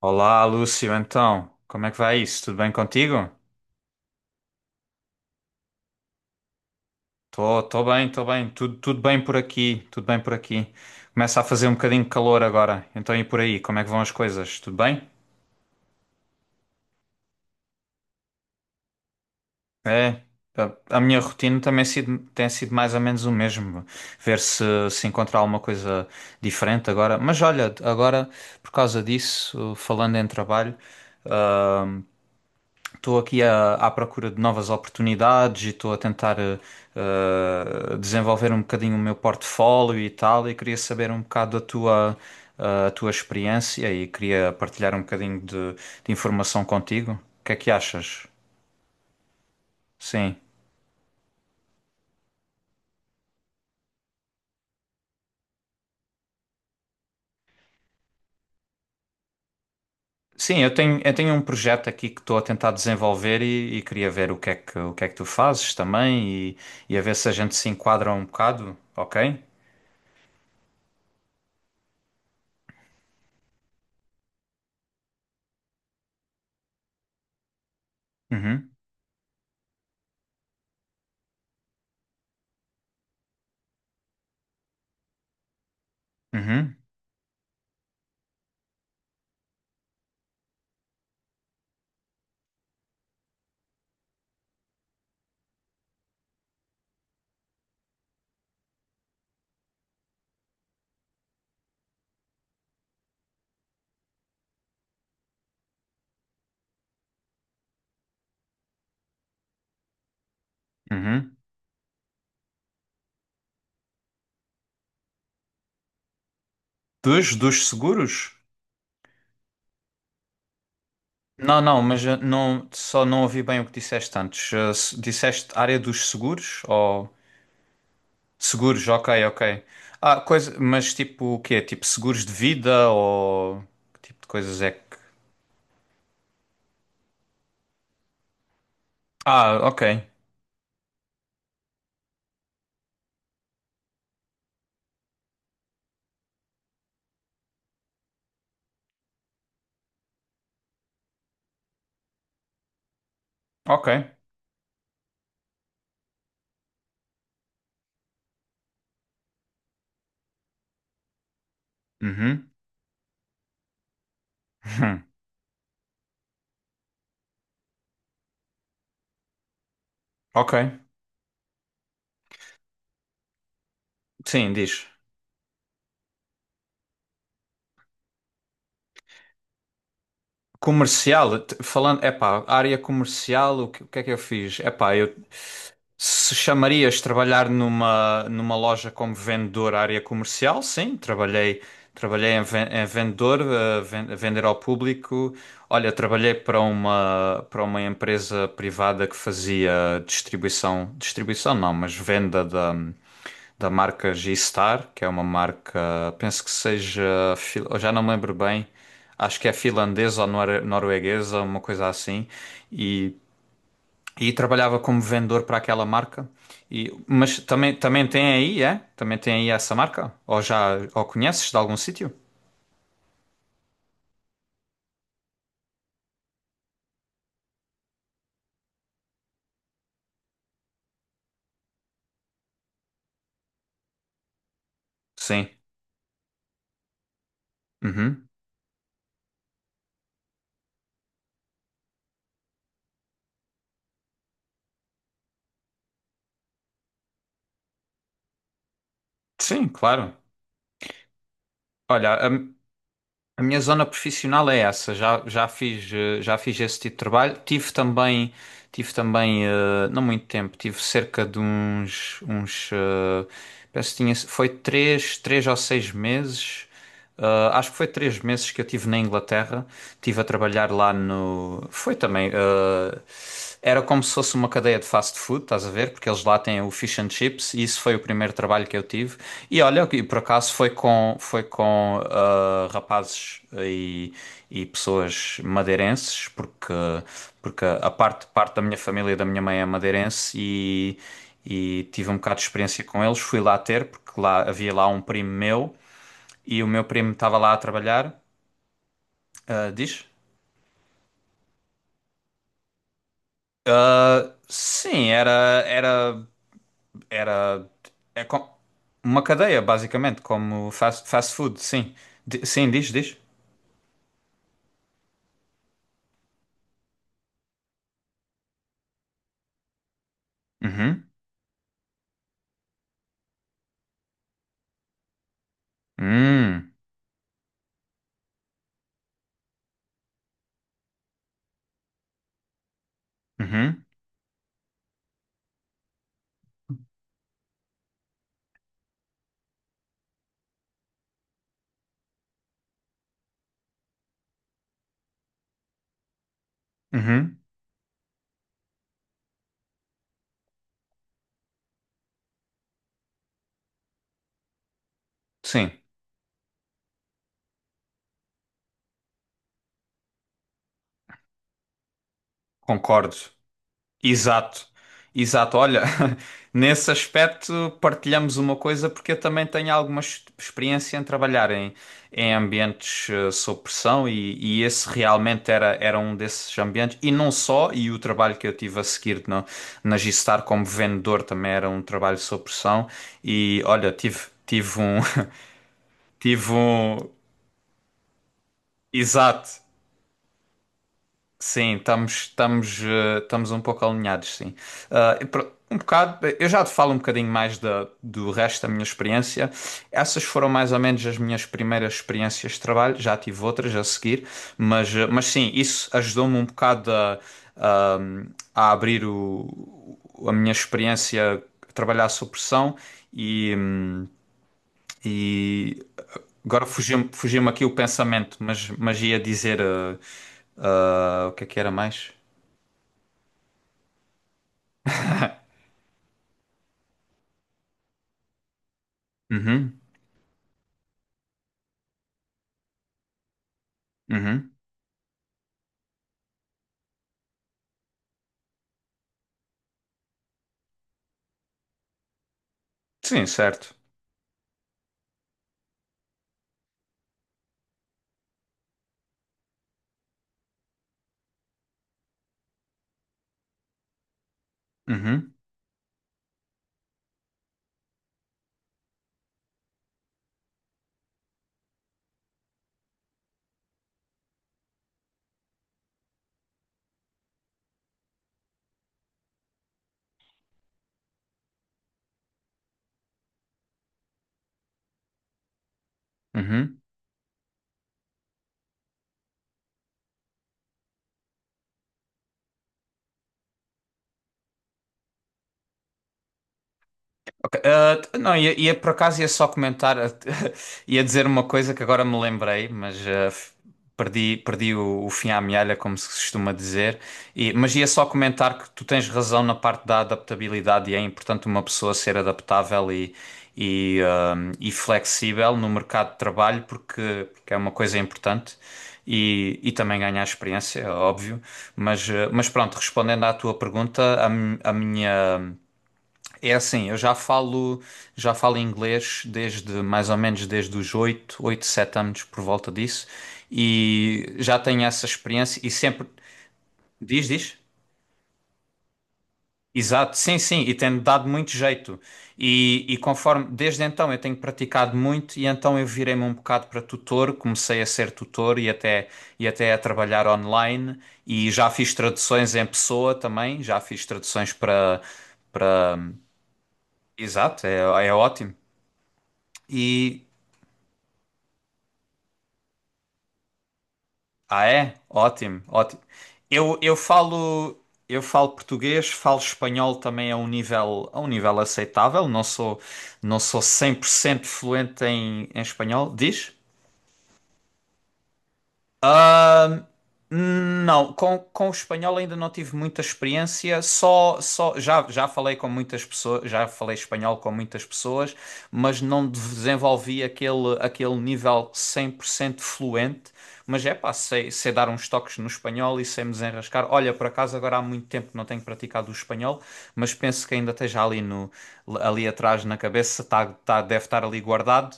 Olá, Lúcio, então, como é que vai isso? Tudo bem contigo? Tô bem, tô bem, tudo bem por aqui, tudo bem por aqui. Começa a fazer um bocadinho de calor agora, então e por aí, como é que vão as coisas? Tudo bem? É, a minha rotina também tem sido mais ou menos o mesmo, ver se encontrar alguma coisa diferente agora. Mas olha, agora, por causa disso, falando em trabalho, ah, estou aqui à procura de novas oportunidades e estou a tentar desenvolver um bocadinho o meu portfólio e tal, e queria saber um bocado a tua, a tua experiência e queria partilhar um bocadinho de informação contigo. O que é que achas? Sim. Sim, eu tenho um projeto aqui que estou a tentar desenvolver e queria ver o que é que, o que é que tu fazes também e a ver se a gente se enquadra um bocado, ok? Uhum, uhum, uhum. Dos, dos seguros? Não, não, mas não, só não ouvi bem o que disseste antes. Eh, disseste área dos seguros ou seguros, ok, ok. Ah, coisa, mas tipo o quê? Tipo seguros de vida ou que tipo de coisas é que. Ah, ok, ok. Uhum. Hum, ok, sim, diz. Comercial, falando, epá, área comercial, o que é que eu fiz? Epá, eu. Se chamarias trabalhar numa, numa loja como vendedor à área comercial? Sim, trabalhei, trabalhei em, em vendedor, eh, a vender ao público. Olha, trabalhei para uma empresa privada que fazia distribuição, distribuição não, mas venda da, da marca G-Star, que é uma marca, penso que seja, eu já não me lembro bem, acho que é finlandesa ou norueguesa, uma coisa assim. E e trabalhava como vendedor para aquela marca. E, mas também, também tem aí, é? Também tem aí essa marca? Ou já ou conheces de algum sítio? Sim. Uhum. Sim, claro. Olha, a minha zona profissional é essa. Já, já fiz, eh, já fiz esse tipo de trabalho. Tive também, eh, não muito tempo, tive cerca de uns, uns, penso que tinha, foi três, três ou seis meses. Acho que foi três meses que eu tive na Inglaterra. Tive a trabalhar lá no. Foi também. Era como se fosse uma cadeia de fast food, estás a ver? Porque eles lá têm o fish and chips e isso foi o primeiro trabalho que eu tive. E olha, e por acaso foi com rapazes e pessoas madeirenses, porque, porque a parte, parte da minha família e da minha mãe é madeirense e tive um bocado de experiência com eles. Fui lá ter, porque lá havia lá um primo meu e o meu primo estava lá a trabalhar. Ah, diz? Ah, sim, era, era, era é com- uma cadeia, basicamente, como fast, fast food, sim. Sim, diz, diz. Uhum. Hum. Uhum. Uhum. Sim, concordo. Exato, exato. Olha, nesse aspecto partilhamos uma coisa, porque eu também tenho alguma experiência em trabalhar em, em ambientes sob pressão e esse realmente era, era um desses ambientes. E não só, e o trabalho que eu tive a seguir na, na G-Star como vendedor também era um trabalho sob pressão. E olha, tive, tive um, tive um, exato. Sim, estamos, estamos, estamos um pouco alinhados, sim. Ah, e um bocado, eu já te falo um bocadinho mais da, do resto da minha experiência. Essas foram mais ou menos as minhas primeiras experiências de trabalho, já tive outras a seguir, mas, mas sim, isso ajudou-me um bocado a, a abrir o, a minha experiência a trabalhar sob pressão e. E agora fugiu-me aqui o pensamento, mas ia dizer o que é que era mais? Uhum, uhum. Sim, certo. Uhum, uhum. Ok, não, ia, ia por acaso ia só comentar, ia dizer uma coisa que agora me lembrei, mas perdi, perdi o fim à mealha, como se costuma dizer. Mas ia só comentar que tu tens razão na parte da adaptabilidade e é importante uma pessoa ser adaptável e, e flexível no mercado de trabalho, porque, porque é uma coisa importante. E também ganhar experiência, é óbvio. Mas, mas pronto, respondendo à tua pergunta, a a minha. É assim, eu já falo inglês desde mais ou menos desde os 7 anos por volta disso e já tenho essa experiência e sempre diz, diz. Exato, sim, sim, e tem dado muito jeito. E conforme desde então eu tenho praticado muito e então eu virei-me um bocado para tutor, comecei a ser tutor e até a trabalhar online e já fiz traduções em pessoa também, já fiz traduções para para. Exato, é, é ótimo. E ah, é? Ótimo, ótimo. Eu, eu falo, eu falo português, falo espanhol também a um nível aceitável. Não sou, não sou 100% fluente em, em espanhol. Diz? Não, com o espanhol ainda não tive muita experiência, só, só já, já falei com muitas pessoas, já falei espanhol com muitas pessoas, mas não desenvolvi aquele, aquele nível 100% fluente, mas é pá, sei, sei dar uns toques no espanhol e sei me desenrascar. Olha, por acaso agora há muito tempo que não tenho praticado o espanhol, mas penso que ainda esteja ali no, ali atrás na cabeça, tá, tá, deve estar ali guardado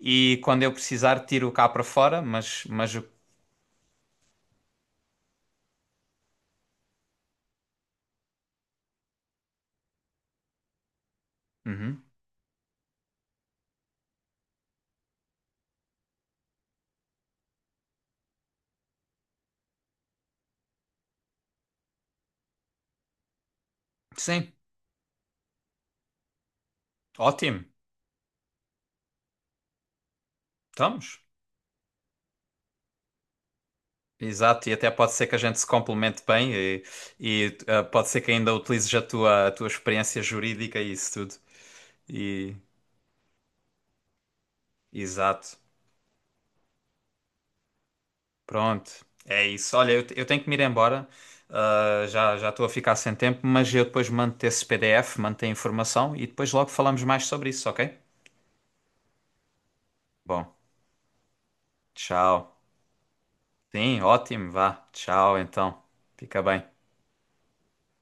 e quando eu precisar tiro cá para fora, mas, uhum. Sim. Ótimo, estamos. Exato, e até pode ser que a gente se complemente bem e, pode ser que ainda utilizes a tua experiência jurídica e isso tudo. E, exato, pronto, é isso. Olha, eu, eu tenho que me ir embora, já já estou a ficar sem tempo, mas eu depois mando-te esse PDF, mando-te a informação e depois logo falamos mais sobre isso, ok? Bom, tchau. Sim, ótimo, vá. Tchau, então. Fica bem.